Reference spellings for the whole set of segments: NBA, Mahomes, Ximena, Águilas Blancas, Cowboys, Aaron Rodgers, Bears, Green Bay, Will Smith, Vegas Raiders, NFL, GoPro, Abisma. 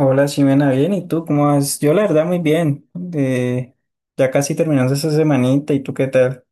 Hola, Ximena, bien, ¿y tú cómo vas? Yo la verdad muy bien. Eh, ya casi terminamos esa semanita, ¿y tú qué tal?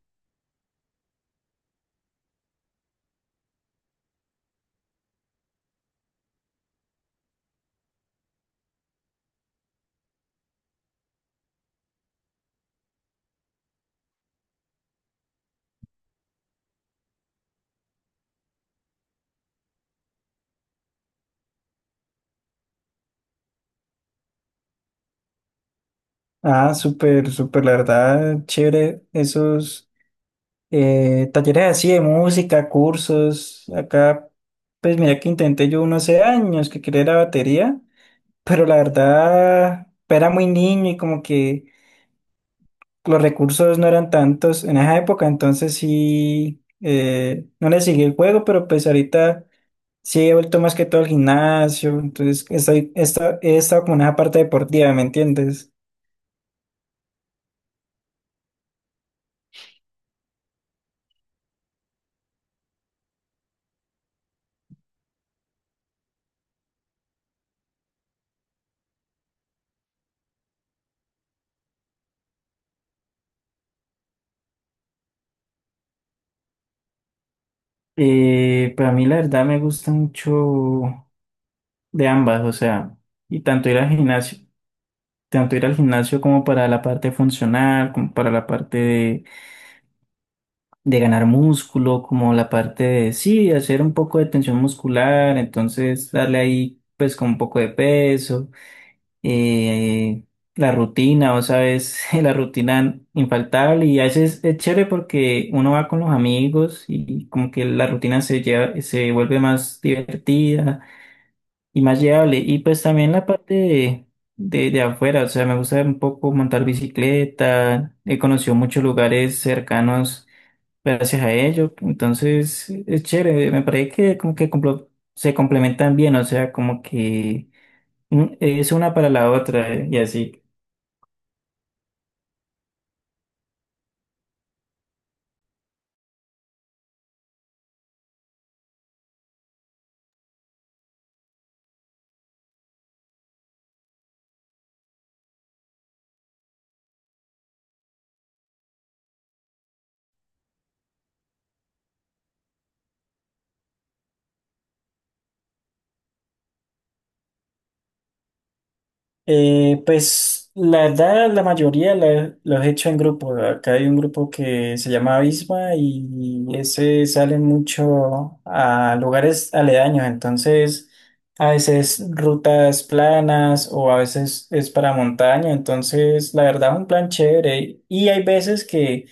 Ah, súper, súper, la verdad, chévere esos talleres así de música, cursos. Acá, pues mira que intenté yo unos hace años que quería la batería, pero la verdad era muy niño y como que los recursos no eran tantos en esa época, entonces sí, no le seguí el juego, pero pues ahorita... Sí, he vuelto más que todo al gimnasio, entonces he estado como en esa parte deportiva, ¿me entiendes? Pero a mí la verdad me gusta mucho de ambas, o sea, y tanto ir al gimnasio, tanto ir al gimnasio como para la parte funcional, como para la parte de ganar músculo, como la parte de, sí, hacer un poco de tensión muscular, entonces darle ahí pues con un poco de peso. eh, la rutina, o sabes, la rutina infaltable. Y a veces es chévere porque uno va con los amigos y como que la rutina se lleva, se vuelve más divertida y más llevable. Y pues también la parte de, de afuera, o sea, me gusta un poco montar bicicleta, he conocido muchos lugares cercanos gracias a ello, entonces es chévere, me parece que como que se complementan bien, o sea, como que Mm, es una para la otra, y así. Pues la verdad, los he hecho en grupo. Acá hay un grupo que se llama Abisma y ese sale mucho a lugares aledaños. Entonces, a veces rutas planas o a veces es para montaña. Entonces, la verdad, un plan chévere. Y hay veces que,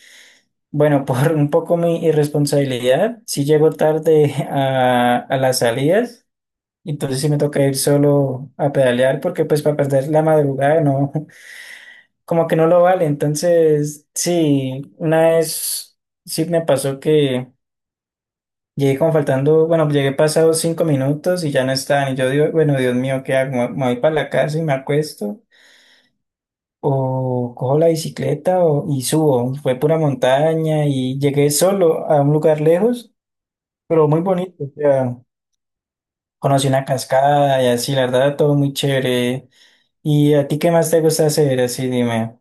bueno, por un poco mi irresponsabilidad, sí llego tarde a las salidas. Entonces sí me toca ir solo a pedalear porque pues para perder la madrugada no, como que no lo vale. Entonces sí, una vez sí me pasó que llegué como faltando, bueno, llegué pasados 5 minutos y ya no estaban. Y yo digo, bueno, Dios mío, ¿qué hago? ¿Me voy para la casa y me acuesto? O cojo la bicicleta y subo. Fue pura montaña y llegué solo a un lugar lejos, pero muy bonito. O sea, conocí una cascada y así, la verdad, todo muy chévere. ¿Y a ti qué más te gusta hacer? Así dime.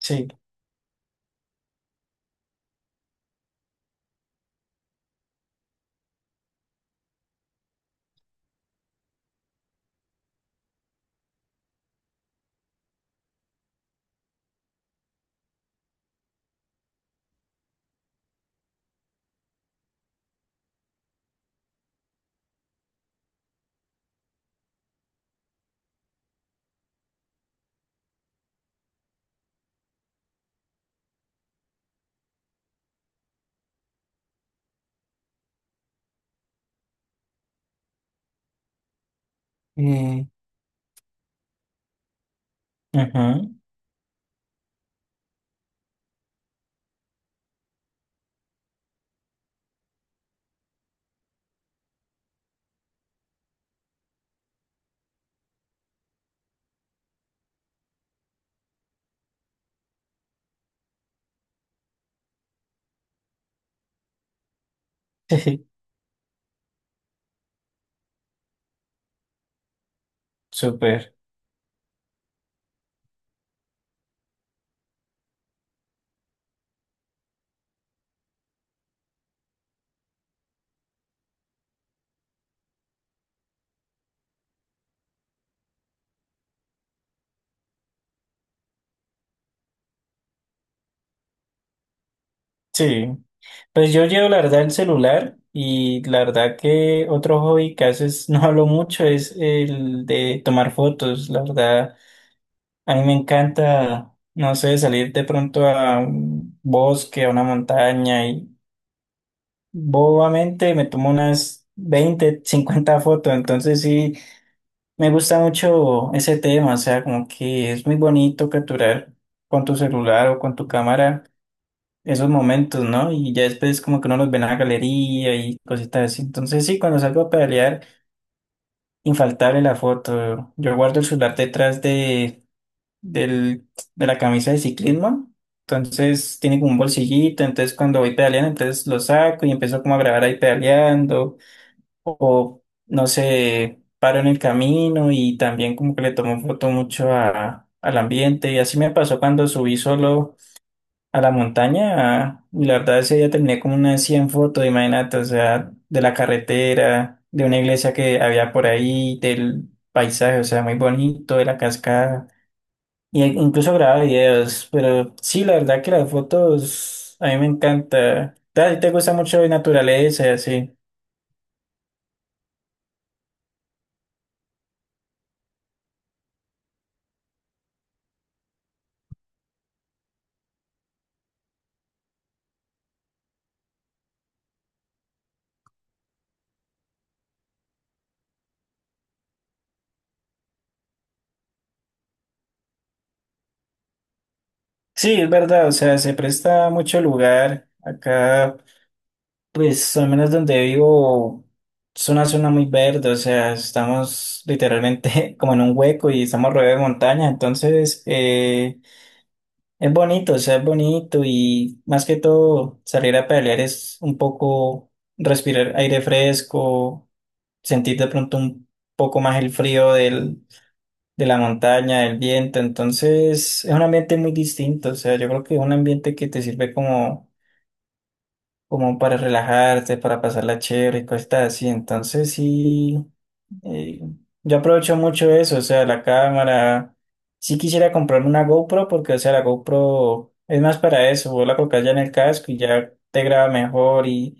Sí. Mm, ujú. Súper. Sí. Pues yo llevo la verdad el celular y la verdad que otro hobby que haces, no hablo mucho, es el de tomar fotos. La verdad, a mí me encanta, no sé, salir de pronto a un bosque, a una montaña y bobamente me tomo unas 20 50 fotos. Entonces sí. Me gusta mucho ese tema, o sea, como que es muy bonito capturar con tu celular o con tu cámara esos momentos, ¿no? Y ya después como que uno los ve en la galería y cositas así. Entonces sí, cuando salgo a pedalear, infaltable la foto. Yo guardo el celular detrás de, del, de la camisa de ciclismo, entonces tiene como un bolsillito, entonces cuando voy pedaleando, entonces lo saco y empiezo como a grabar ahí pedaleando o no sé, paro en el camino y también como que le tomo foto mucho al ambiente. Y así me pasó cuando subí solo a la montaña, y la verdad ese día terminé como unas 100 fotos, imagínate, o sea, de la carretera, de una iglesia que había por ahí, del paisaje, o sea, muy bonito, de la cascada. Y incluso grababa videos, pero sí, la verdad que las fotos a mí me encanta. ¿A ti te gusta mucho la naturaleza y así? Sí, es verdad, o sea, se presta mucho lugar. Acá, pues, al menos donde vivo, es una zona muy verde, o sea, estamos literalmente como en un hueco y estamos rodeados de montaña, entonces es bonito, o sea, es bonito. Y más que todo salir a pedalear es un poco respirar aire fresco, sentir de pronto un poco más el frío del de la montaña, del viento, entonces es un ambiente muy distinto, o sea, yo creo que es un ambiente que te sirve como, como para relajarte, para pasarla chévere y cosas así, entonces sí, eh, yo aprovecho mucho eso, o sea, la cámara, sí quisiera comprarme una GoPro porque, o sea, la GoPro es más para eso, vos la colocas ya en el casco y ya te graba mejor y...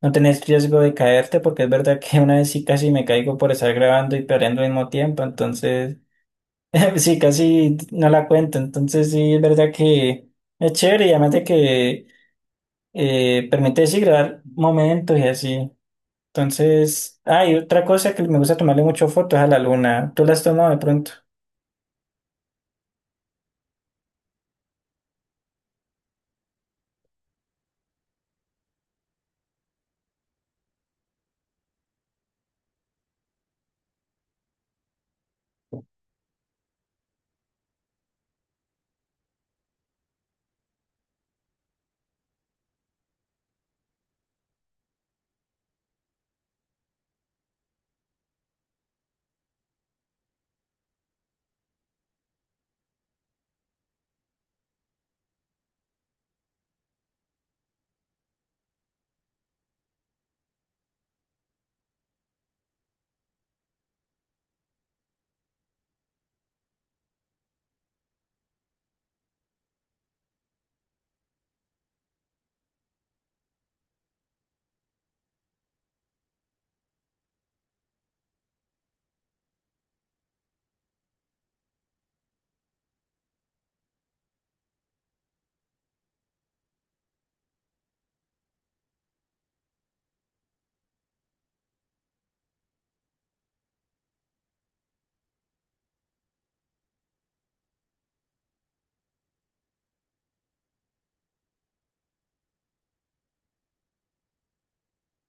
No tenés riesgo de caerte porque es verdad que una vez sí casi me caigo por estar grabando y perdiendo al mismo tiempo, entonces sí, casi no la cuento, entonces sí es verdad que es chévere. Y además de que permite sí grabar momentos y así. Entonces, hay otra cosa que me gusta tomarle mucho fotos a la luna. ¿Tú las has tomado de pronto?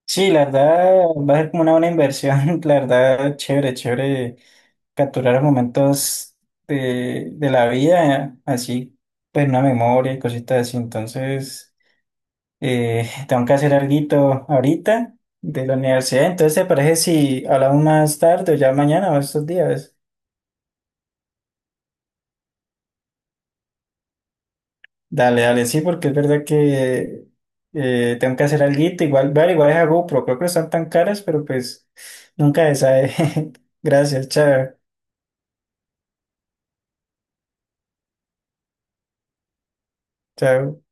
Sí, la verdad va a ser como una buena inversión, la verdad, chévere, chévere capturar momentos de la vida, así, pues una memoria y cositas así, entonces. Tengo que hacer algo ahorita de la universidad, entonces ¿te parece si hablamos más tarde o ya mañana o estos días? Dale, dale, sí, porque es verdad que tengo que hacer algo igual, vale, igual es a GoPro, creo que no están tan caras, pero pues nunca se sabe. Gracias, chao, chao.